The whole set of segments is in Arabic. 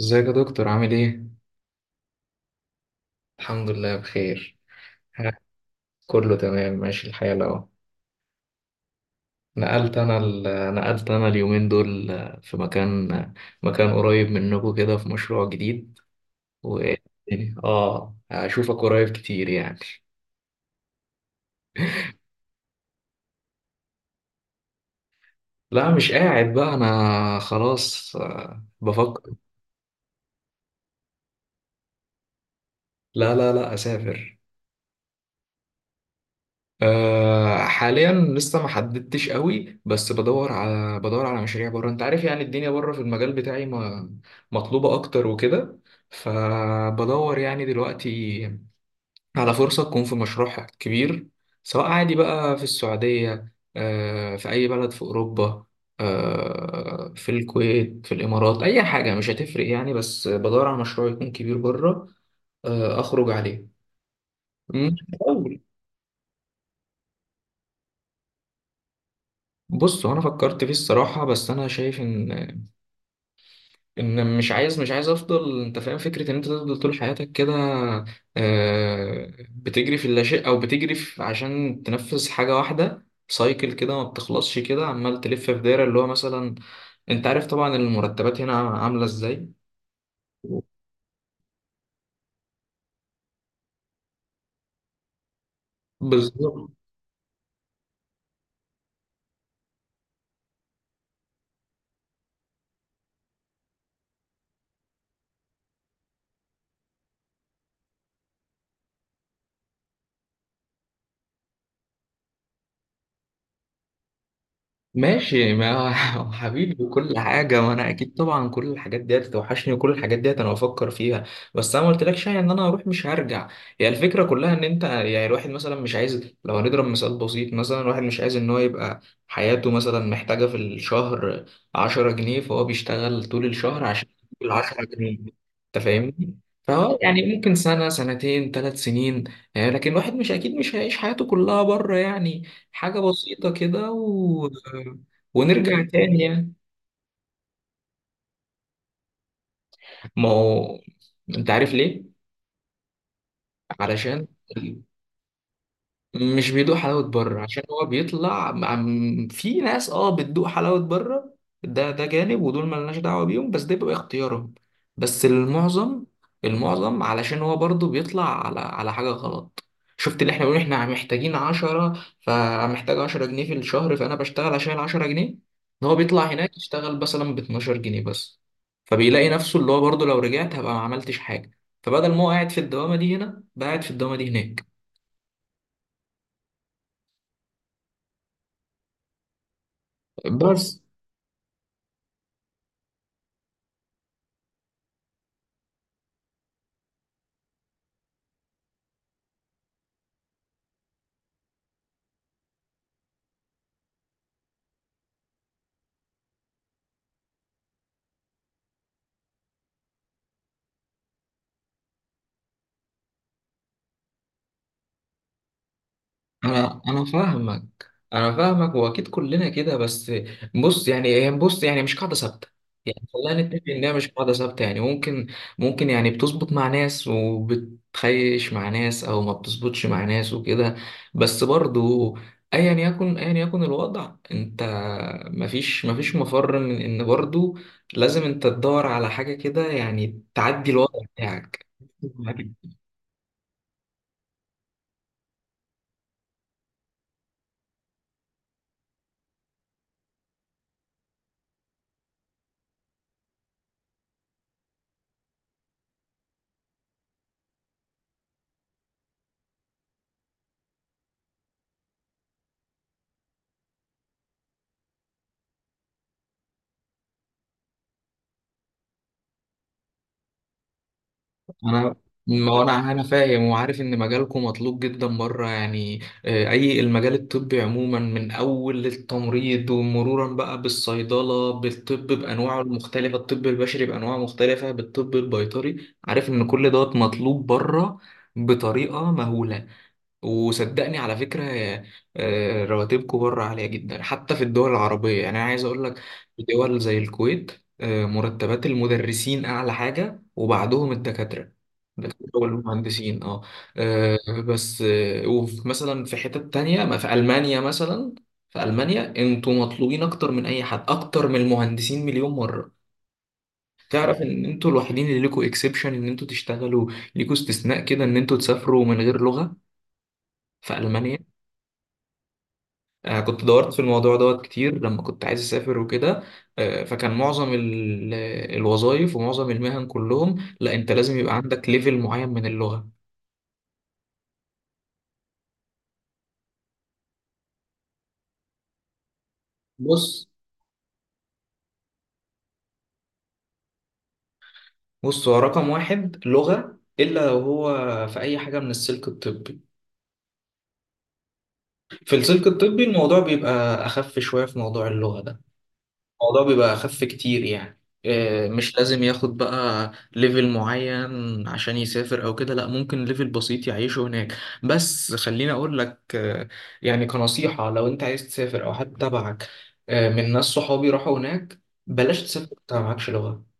ازيك يا دكتور؟ عامل ايه؟ الحمد لله بخير. ها، كله تمام ماشي الحال اهو. نقلت انا ال... نقلت انا اليومين دول في مكان قريب منكم كده، في مشروع جديد. و اه اشوفك قريب كتير يعني. لا، مش قاعد بقى انا خلاص. بفكر. لا لا لا، اسافر. حاليا لسه ما حددتش قوي، بس بدور على مشاريع بره. انت عارف يعني الدنيا بره في المجال بتاعي ما مطلوبة اكتر وكده. فبدور يعني دلوقتي على فرصة تكون في مشروع كبير، سواء عادي بقى في السعودية، في اي بلد في اوروبا، في الكويت، في الامارات. اي حاجة مش هتفرق يعني، بس بدور على مشروع يكون كبير بره اخرج عليه. مم. بص، هو انا فكرت فيه الصراحه، بس انا شايف ان مش عايز افضل. انت فاهم فكره ان انت تفضل طول حياتك كده، بتجري في اللاشيء، او بتجري في عشان تنفذ حاجه واحده، سايكل كده ما بتخلصش، كده عمال تلف في دايره، اللي هو مثلا انت عارف طبعا المرتبات هنا عامله ازاي. بالظبط. ماشي، ما هو حبيبي وكل حاجة، ما أنا أكيد طبعا كل الحاجات ديت توحشني، وكل الحاجات ديت أنا بفكر فيها. بس أنا ما قلتلكش يعني إن أنا هروح مش هرجع. هي الفكرة كلها إن أنت، يعني الواحد مثلا مش عايز، لو هنضرب مثال بسيط، مثلا الواحد مش عايز إن هو يبقى حياته مثلا محتاجة في الشهر 10 جنيه، فهو بيشتغل طول الشهر عشان يجيب ال10 جنيه. أنت فاهمني؟ فهو يعني ممكن سنة سنتين 3 سنين. يعني لكن الواحد مش أكيد مش هيعيش حياته كلها بره يعني. حاجة بسيطة كده ونرجع تاني يعني. ما هو انت عارف ليه؟ علشان مش بيدوق حلاوة بره، عشان هو بيطلع في ناس اه بتدوق حلاوة بره. ده جانب، ودول ملناش دعوة بيهم، بس ده بيبقى اختيارهم. بس المعظم علشان هو برضو بيطلع على حاجة غلط. شفت؟ اللي احنا بنقول احنا محتاجين 10، فمحتاج 10 جنيه في الشهر، فأنا بشتغل عشان 10 جنيه، إن هو بيطلع هناك يشتغل مثلا 12 جنيه بس. فبيلاقي نفسه اللي هو برضو، لو رجعت هبقى ما عملتش حاجة. فبدل ما هو قاعد في الدوامة دي هنا، بقى قاعد في الدوامة دي هناك. بس انا انا فاهمك انا فاهمك واكيد كلنا كده. بس بص، يعني هي بص يعني مش قاعده ثابته. يعني خلينا نتفق ان هي مش قاعده ثابته. يعني ممكن يعني بتظبط مع ناس وبتخيش مع ناس او ما بتظبطش مع ناس وكده. بس برضو ايا يكن الوضع، انت مفيش مفر من ان برضو لازم انت تدور على حاجه كده يعني تعدي الوضع بتاعك. انا ما هو انا فاهم وعارف ان مجالكم مطلوب جدا بره يعني. اي المجال الطبي عموما، من اول التمريض ومرورا بقى بالصيدله، بالطب بانواعه المختلفه، الطب البشري بانواعه مختلفه، بالطب البيطري. عارف ان كل دوت مطلوب بره بطريقه مهوله. وصدقني على فكرة، رواتبكم بره عالية جدا، حتى في الدول العربية يعني. أنا عايز أقول لك في دول زي الكويت، مرتبات المدرسين أعلى حاجة وبعدهم الدكاترة. الدكاترة والمهندسين، آه، بس ومثلا في حتت تانية، ما في ألمانيا مثلا. في ألمانيا انتوا مطلوبين أكتر من أي حد، أكتر من المهندسين مليون مرة. تعرف إن انتوا الوحيدين اللي ليكوا إكسبشن، إن انتوا تشتغلوا ليكوا استثناء كده، إن انتوا تسافروا من غير لغة في ألمانيا. كنت دورت في الموضوع دوت كتير لما كنت عايز أسافر وكده. فكان معظم الوظائف ومعظم المهن كلهم، لا أنت لازم يبقى عندك ليفل معين من اللغة. بص بص هو رقم واحد لغة، إلا لو هو في أي حاجة من السلك الطبي. في السلك الطبي الموضوع بيبقى أخف شوية في موضوع اللغة ده. الموضوع بيبقى أخف كتير يعني. مش لازم ياخد بقى ليفل معين عشان يسافر أو كده. لأ، ممكن ليفل بسيط يعيشه هناك. بس خليني أقول لك، يعني كنصيحة، لو أنت عايز تسافر أو حد تبعك، من ناس صحابي راحوا هناك، بلاش تسافر وأنت معكش لغة.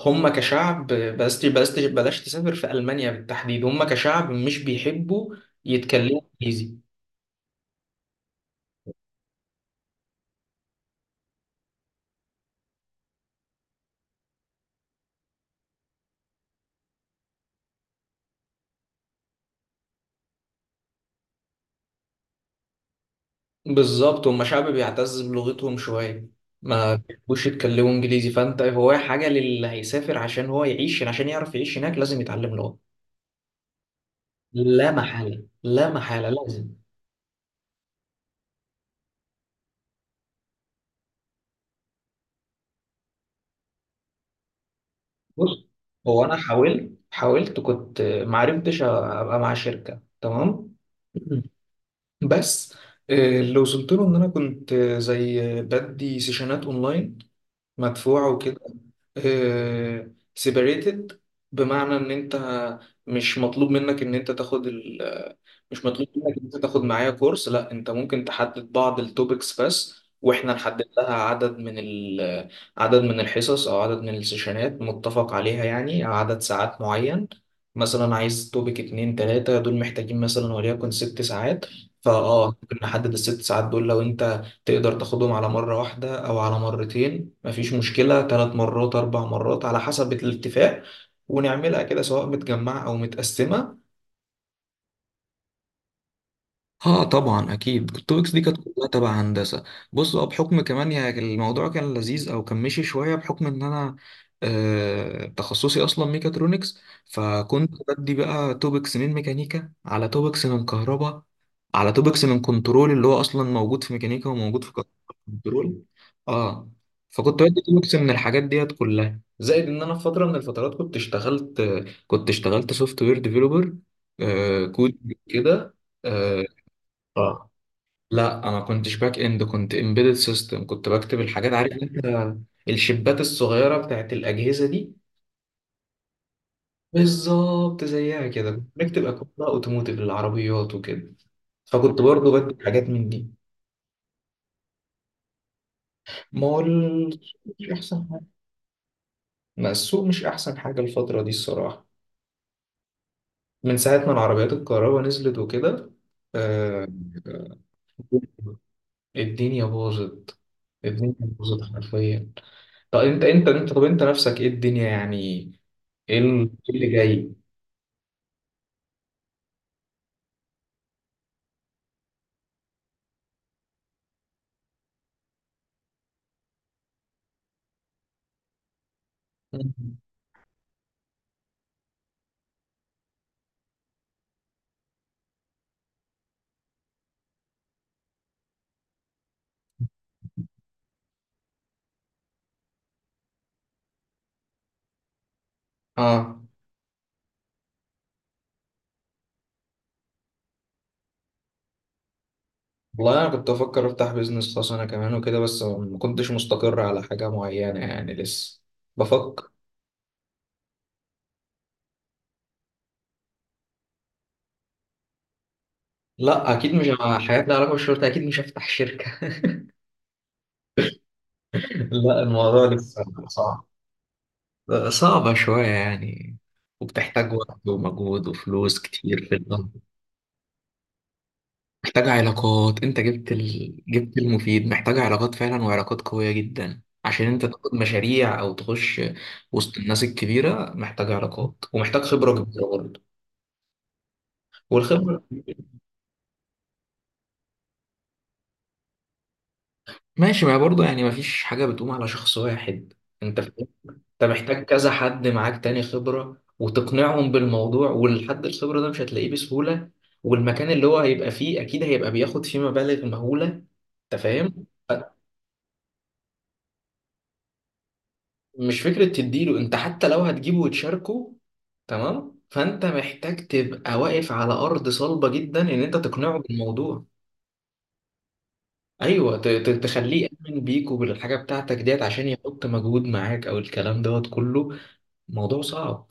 هم كشعب، بلاش بلاش بلاش تسافر في ألمانيا بالتحديد. هم كشعب مش بيحبوا يتكلموا إنجليزي. بالظبط، هم شعب بيعتز بلغتهم شوية، ما بيحبوش يتكلموا انجليزي. فانت، هو حاجة للي هيسافر عشان هو يعيش، عشان يعرف يعيش هناك لازم يتعلم لغة، لا محالة لا محالة لازم. بص، هو انا حاولت كنت ما عرفتش ابقى مع شركة تمام. بس اللي وصلت له ان انا كنت زي بدي سيشنات اونلاين مدفوع وكده. سيبريتد، بمعنى ان انت مش مطلوب منك ان انت تاخد ال مش مطلوب منك ان انت تاخد معايا كورس. لا، انت ممكن تحدد بعض التوبكس بس، واحنا نحدد لها عدد من ال... عدد من الحصص او عدد من السيشنات متفق عليها يعني، او عدد ساعات معين. مثلا عايز توبك اتنين تلاتة دول، محتاجين مثلا وليكن 6 ساعات. فاه ممكن نحدد ال6 ساعات دول، لو انت تقدر تاخدهم على مرة واحدة أو على مرتين، مفيش مشكلة، 3 مرات 4 مرات على حسب الاتفاق. ونعملها كده سواء متجمعة أو متقسمة. اه طبعا، اكيد التوبكس دي كانت كلها تبع هندسه. بص، هو بحكم كمان يعني الموضوع كان لذيذ او كان مشي شويه، بحكم ان انا تخصصي اصلا ميكاترونكس. فكنت بدي بقى توبكس من ميكانيكا، على توبكس من كهرباء، على توبكس من كنترول، اللي هو اصلا موجود في ميكانيكا وموجود في كنترول. اه. فكنت بدي توبكس من الحاجات ديت كلها، زائد ان انا في فتره من الفترات كنت اشتغلت، كنت اشتغلت سوفت وير ديفيلوبر. كود كده. آه، اه لا انا ما كنتش باك اند، كنت امبيدد سيستم. كنت بكتب الحاجات، عارف انت، الشبات الصغيره بتاعت الاجهزه دي. بالظبط زيها كده، بنكتب اكواد بقى اوتوموتيف للعربيات وكده. فكنت برضو بكتب حاجات من دي. ما هو مش احسن حاجه، ما السوق مش احسن حاجه الفتره دي الصراحه، من ساعه ما العربيات الكهرباء نزلت وكده. آه، الدنيا باظت. الدنيا باظت حرفيا. طب انت نفسك ايه الدنيا يعني؟ ايه إيه اللي جاي؟ مم. اه. والله انا كنت بفكر افتح بيزنس خاص انا كمان وكده، بس ما كنتش مستقر على حاجة معينة يعني، لسه بفكر. لا اكيد مش مع حاجات لها علاقة بالشرطة، اكيد مش هفتح شركة. لا، الموضوع لسه صعب. صعبة شوية يعني، وبتحتاج وقت ومجهود وفلوس كتير في الأول. محتاج علاقات، انت جبت المفيد. محتاج علاقات فعلا، وعلاقات قوية جدا عشان انت تاخد مشاريع او تخش وسط الناس الكبيرة. محتاج علاقات ومحتاج خبرة كبيرة برضه. والخبرة... ماشي، ما هي برضه يعني ما فيش حاجة بتقوم على شخص واحد. انت فاهم؟ انت محتاج كذا حد معاك تاني خبرة، وتقنعهم بالموضوع، والحد الخبرة ده مش هتلاقيه بسهولة. والمكان اللي هو هيبقى فيه اكيد هيبقى بياخد فيه مبالغ مهولة. انت فاهم. مش فكرة تديله انت، حتى لو هتجيبه وتشاركه تمام، فانت محتاج تبقى واقف على ارض صلبة جدا ان انت تقنعه بالموضوع. ايوه، تخليه يؤمن بيك وبالحاجة بتاعتك ديت عشان يحط مجهود معاك، او الكلام دوت كله موضوع صعب.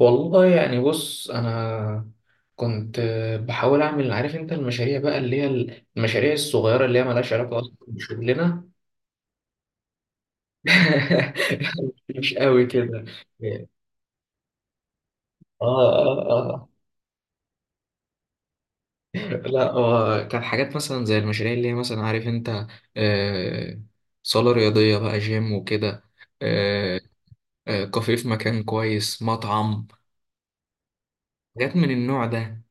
والله يعني، بص انا كنت بحاول اعمل، عارف انت المشاريع بقى اللي هي المشاريع الصغيرة اللي هي ملهاش علاقة اصلا بشغلنا. مش قوي كده. اه اه اه. لا، هو كان حاجات مثلا زي المشاريع اللي هي مثلا، عارف انت، آه، صالة رياضية بقى جيم وكده. آه، كافيه في مكان كويس، مطعم، حاجات من النوع ده.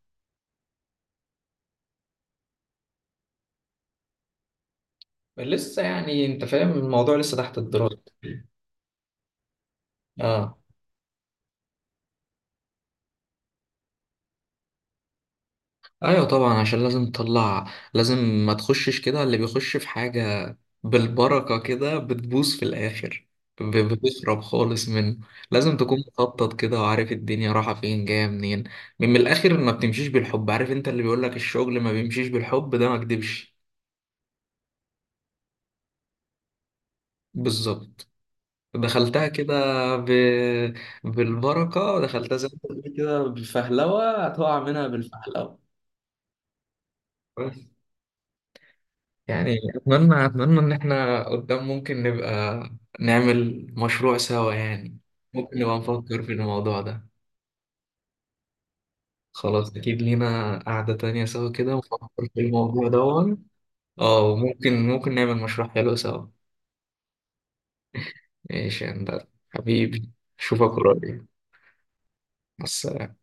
لسه يعني، انت فاهم، الموضوع لسه تحت الدراسة. اه. ايوه طبعا، عشان لازم تطلع، لازم ما تخشش كده. اللي بيخش في حاجة بالبركة كده بتبوظ في الاخر. ب- بتخرب خالص منه. لازم تكون مخطط كده، وعارف الدنيا رايحة فين جاية منين. من الاخر ما بتمشيش بالحب، عارف انت اللي بيقولك الشغل ما بيمشيش بالحب ده ما كدبش. بالظبط. دخلتها كده ب... بالبركة، دخلتها زي ما أنت بتقول كده بالفهلوة، هتقع منها بالفهلوة. يعني أتمنى أتمنى إن إحنا قدام ممكن نبقى نعمل مشروع سوا يعني، ممكن نبقى نفكر في الموضوع ده. خلاص، أكيد لينا قعدة تانية سوا كده، ونفكر في الموضوع ده. اه، وممكن ممكن نعمل مشروع حلو سوا. ماشي يا هندسة حبيبي، أشوفك قريب. مع السلامة.